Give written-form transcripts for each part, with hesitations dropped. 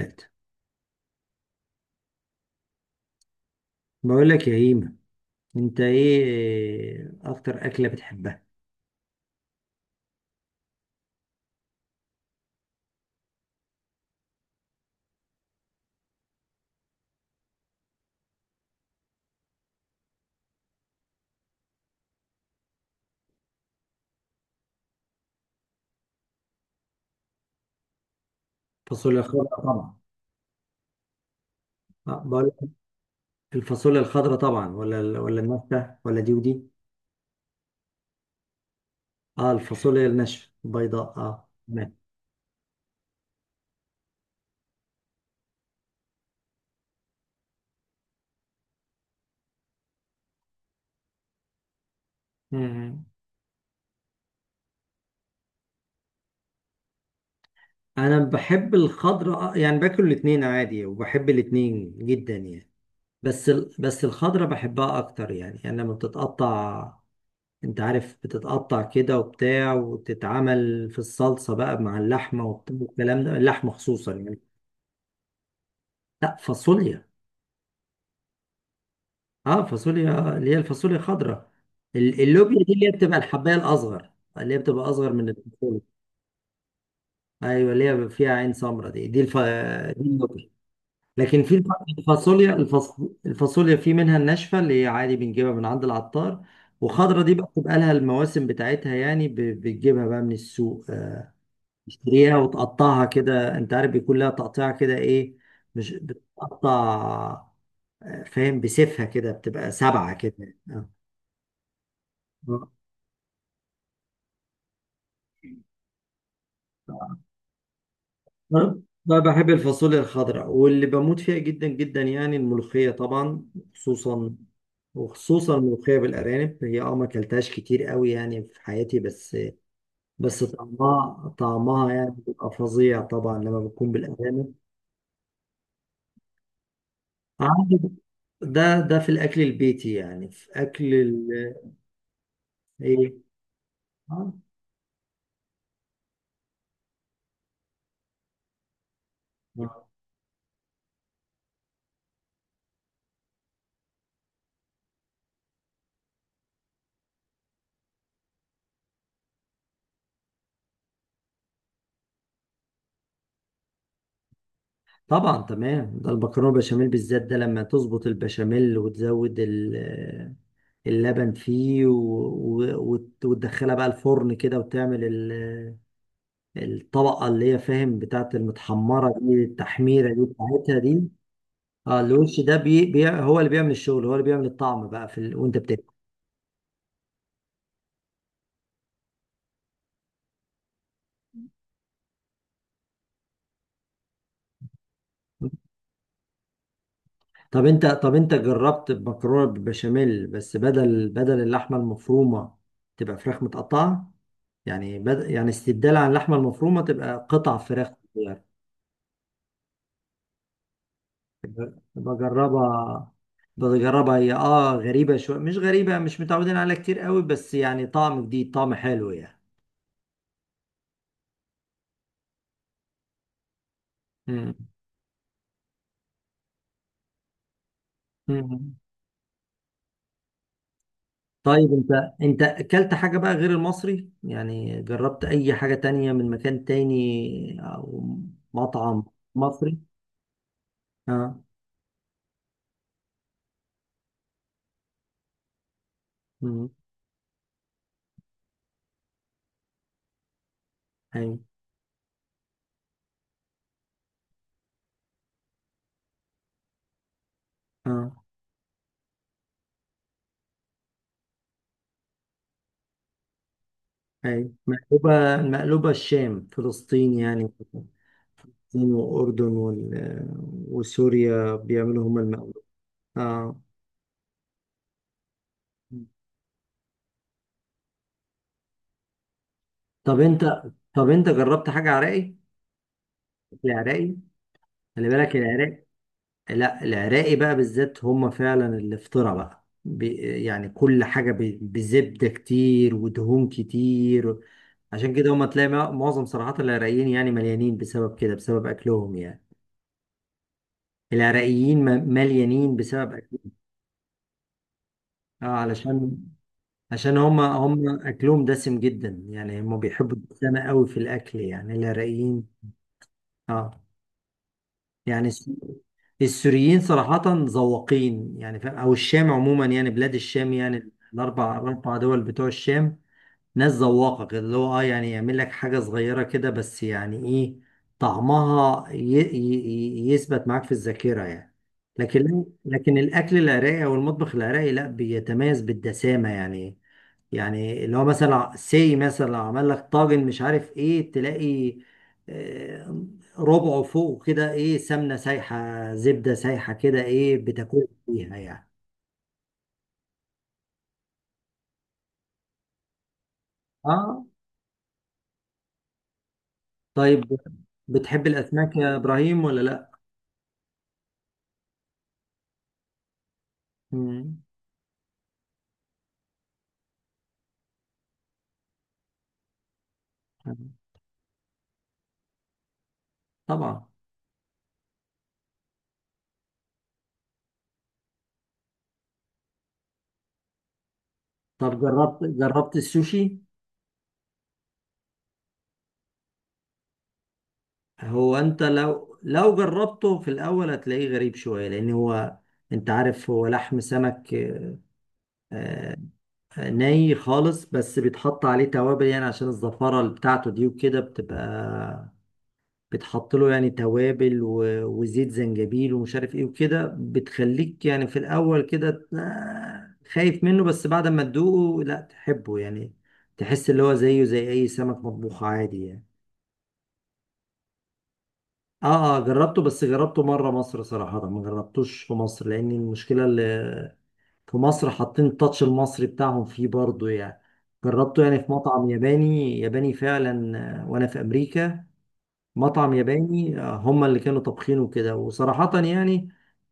ذات، بقول لك يا هيما، انت ايه اكتر اكله بتحبها؟ الفاصوليا الخضراء طبعا. اه بقول لك، الفاصوليا الخضراء طبعا ولا ولا الناشفه ولا دي ودي؟ اه، الفاصوليا الناشفه البيضاء، اه تمام. مم. انا بحب الخضراء آه، يعني باكل الاتنين عادي وبحب الاتنين جدا يعني. بس الخضراء بحبها اكتر يعني، يعني لما بتتقطع، انت عارف، بتتقطع كده وبتاع وتتعمل في الصلصه بقى مع اللحمه وبتاع والكلام ده، اللحمه خصوصا يعني. لا فاصوليا. اه فاصوليا اللي هي الفاصوليا الخضراء. اللوبيا دي اللي هي بتبقى الحبايه الاصغر، اللي هي بتبقى اصغر من الفاصوليا. ايوه اللي هي فيها عين سمراء، دي اللوبيا. لكن في الف- الفاصوليا الفاص... الفاصوليا في منها الناشفه اللي هي عادي بنجيبها من عند العطار، وخضرة دي بقى بتبقى لها المواسم بتاعتها يعني، بتجيبها بقى من السوق آه، تشتريها وتقطعها كده، انت عارف بيكون لها تقطيع كده ايه، مش بتقطع، فاهم، بسيفها كده، بتبقى سبعة كده آه. آه. أنا بقى بحب الفاصوليا الخضراء، واللي بموت فيها جدا جدا يعني الملوخية طبعا، خصوصا وخصوصا الملوخية بالأرانب. هي اه ما اكلتهاش كتير قوي يعني في حياتي، بس بس طعمها يعني بيبقى فظيع طبعا لما بتكون بالأرانب. عندي، ده ده في الأكل البيتي، يعني في أكل ال... إيه؟ آه. طبعا تمام، ده المكرونه بشاميل بالذات، ده لما تظبط البشاميل وتزود آه، اللبن فيه وتدخلها بقى الفرن كده وتعمل آه، الطبقه اللي هي فاهم بتاعت المتحمره دي، التحميره دي بتاعتها دي. اه الوش ده هو اللي بيعمل الشغل، هو اللي بيعمل الطعم بقى في ال... وانت بتاكل. طب انت جربت مكرونه بالبشاميل بس بدل اللحمه المفرومه تبقى فراخ متقطعه، يعني بدأ يعني استبدال عن اللحمة المفرومة تبقى قطع فراخ صغيرة؟ بجربها بجربها، هي اه غريبة شوية، مش غريبة، مش متعودين عليها كتير قوي، بس يعني طعم جديد، طعم حلو يعني. مم. مم. طيب انت، اكلت حاجة بقى غير المصري؟ يعني جربت اي حاجة تانية من مكان تاني او مطعم مصري؟ اه. مم. ايوه. اه، ايوه مقلوبة، المقلوبة الشام فلسطين يعني، هم وسوريا بيعملوا هم المقلوب. اه. طب انت طب انت جربت حاجة عراقي؟ العراقي، خلي بالك، العراق. لا العراقي بقى بالذات هم فعلا الافطرة بقى يعني كل حاجة بزبدة كتير ودهون كتير. عشان كده هم تلاقي معظم صراحة العراقيين يعني مليانين بسبب كده، بسبب أكلهم يعني. العراقيين مليانين بسبب أكلهم، اه علشان، عشان هما، اكلهم دسم جدا يعني، هما بيحبوا الدسامة قوي في الاكل يعني العراقيين. اه، يعني الس- السوريين صراحة ذواقين يعني، فاهم، او الشام عموما يعني، بلاد الشام يعني الاربع دول بتوع الشام، ناس ذواقة كده، اللي هو اه يعني يعمل لك حاجة صغيرة كده بس يعني ايه، طعمها يثبت معاك في الذاكرة يعني. لكن الأكل العراقي أو المطبخ العراقي لا، بيتميز بالدسامة يعني. يعني اللي هو مثلا، سي مثلا لو عمل لك طاجن، مش عارف ايه، تلاقي آه، ربعه فوق كده ايه سمنة سايحة، زبدة سايحة، كده ايه بتاكل فيها يعني. اه. طيب بتحب الأسماك يا إبراهيم ولا لأ؟ مم. طبعا. طب جربت، السوشي؟ هو انت لو جربته في الاول هتلاقيه غريب شويه، لان هو، انت عارف، هو لحم سمك آه، آه، ني خالص، بس بيتحط عليه توابل يعني عشان الزفاره اللي بتاعته دي، وكده بتبقى، بتحط له يعني توابل وزيت زنجبيل ومش عارف ايه، وكده بتخليك يعني في الاول كده آه، خايف منه، بس بعد ما تدوقه لا تحبه يعني، تحس اللي هو زيه زي اي سمك مطبوخ عادي يعني. اه، اه جربته، بس جربته مره مصر صراحه، ما جربتوش في مصر، لان المشكله اللي في مصر حاطين التاتش المصري بتاعهم فيه برضه يعني. جربته يعني في مطعم ياباني ياباني فعلا، آه، وانا في امريكا، مطعم ياباني آه، هم اللي كانوا طابخينه كده، وصراحه يعني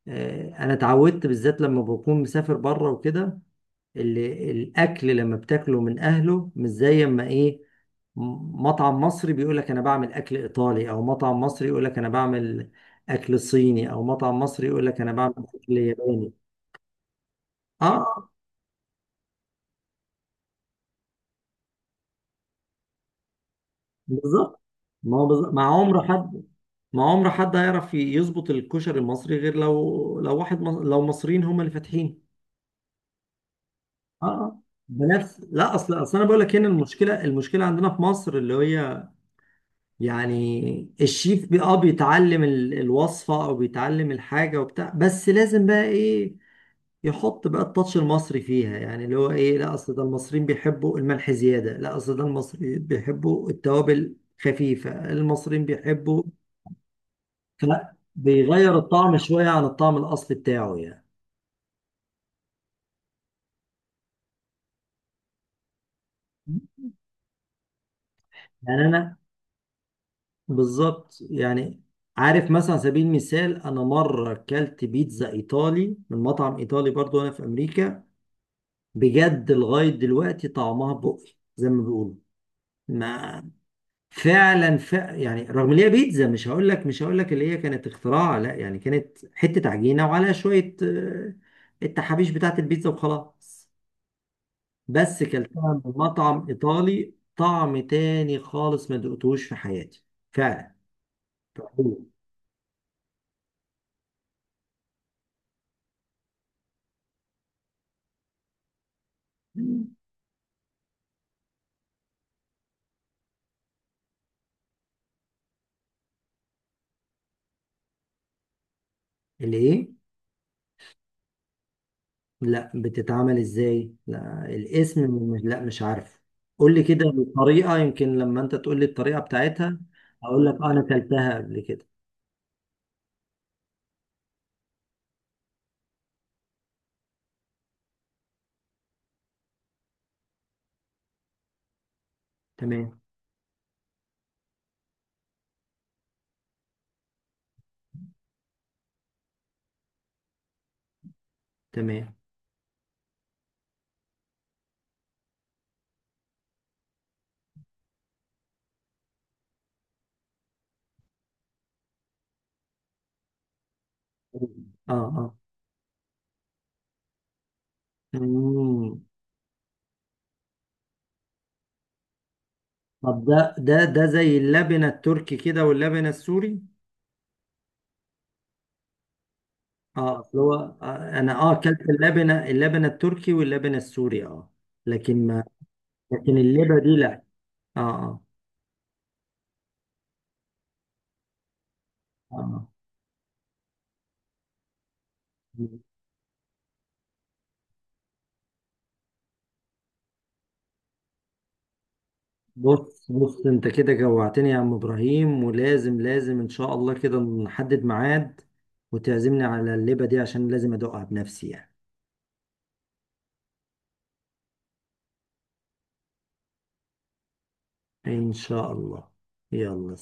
آه، انا اتعودت بالذات لما بكون مسافر بره وكده، ال- الاكل لما بتاكله من اهله مش زي اما ايه، مطعم مصري بيقول لك انا بعمل اكل ايطالي، او مطعم مصري يقول لك انا بعمل اكل صيني، او مطعم مصري يقول لك انا بعمل اكل ياباني. اه بالظبط، ما هو بالظبط. ما عمر حد، ما عمر حد هيعرف يظبط الكشري المصري غير لو، لو واحد لو مصريين هم اللي فاتحين. اه آه. بنفس، لا اصل انا بقول لك، هنا المشكله، المشكله عندنا في مصر اللي هي يعني الشيف بي اه بيتعلم الوصفه او بيتعلم الحاجه وبتاع، بس لازم بقى ايه، يحط بقى التاتش المصري فيها، يعني اللي هو ايه، لا اصل ده المصريين بيحبوا الملح زياده، لا اصل ده المصريين بيحبوا التوابل خفيفه، المصريين بيحبوا، فلا بيغير الطعم شويه عن الطعم الاصلي بتاعه يعني. يعني انا بالظبط يعني، عارف مثلا على سبيل المثال، انا مره اكلت بيتزا ايطالي من مطعم ايطالي برضو وانا في امريكا، بجد لغايه دلوقتي طعمها بقي زي ما بيقولوا ما، فعلا يعني رغم ان هي بيتزا، مش هقول لك اللي هي كانت اختراع لا، يعني كانت حته عجينه وعليها شويه آه، التحابيش بتاعت البيتزا وخلاص، بس كلتها من مطعم ايطالي طعم تاني خالص، ما دقتهوش في حياتي فعلا. اللي ايه؟ لا بتتعمل ازاي؟ لا الاسم مش، لا مش عارف. قول لي كده الطريقه، يمكن لما انت تقول لي الطريقه بتاعتها اقول لك آه، انا كلتها قبل كده. تمام. تمام. اه. اه. مم. طب ده ده زي اللبنة التركي كده واللبنة السوري؟ اه أصل هو آه، انا اه اكلت اللبنة، اللبنة التركي واللبنة السوري اه، لكن ما، لكن اللبة دي لا. اه اه اه. بص بص، انت كده جوعتني يا عم ابراهيم، ولازم، لازم ان شاء الله كده نحدد ميعاد وتعزمني على اللبة دي، عشان لازم ادوقها بنفسي يعني. ان شاء الله. يلا.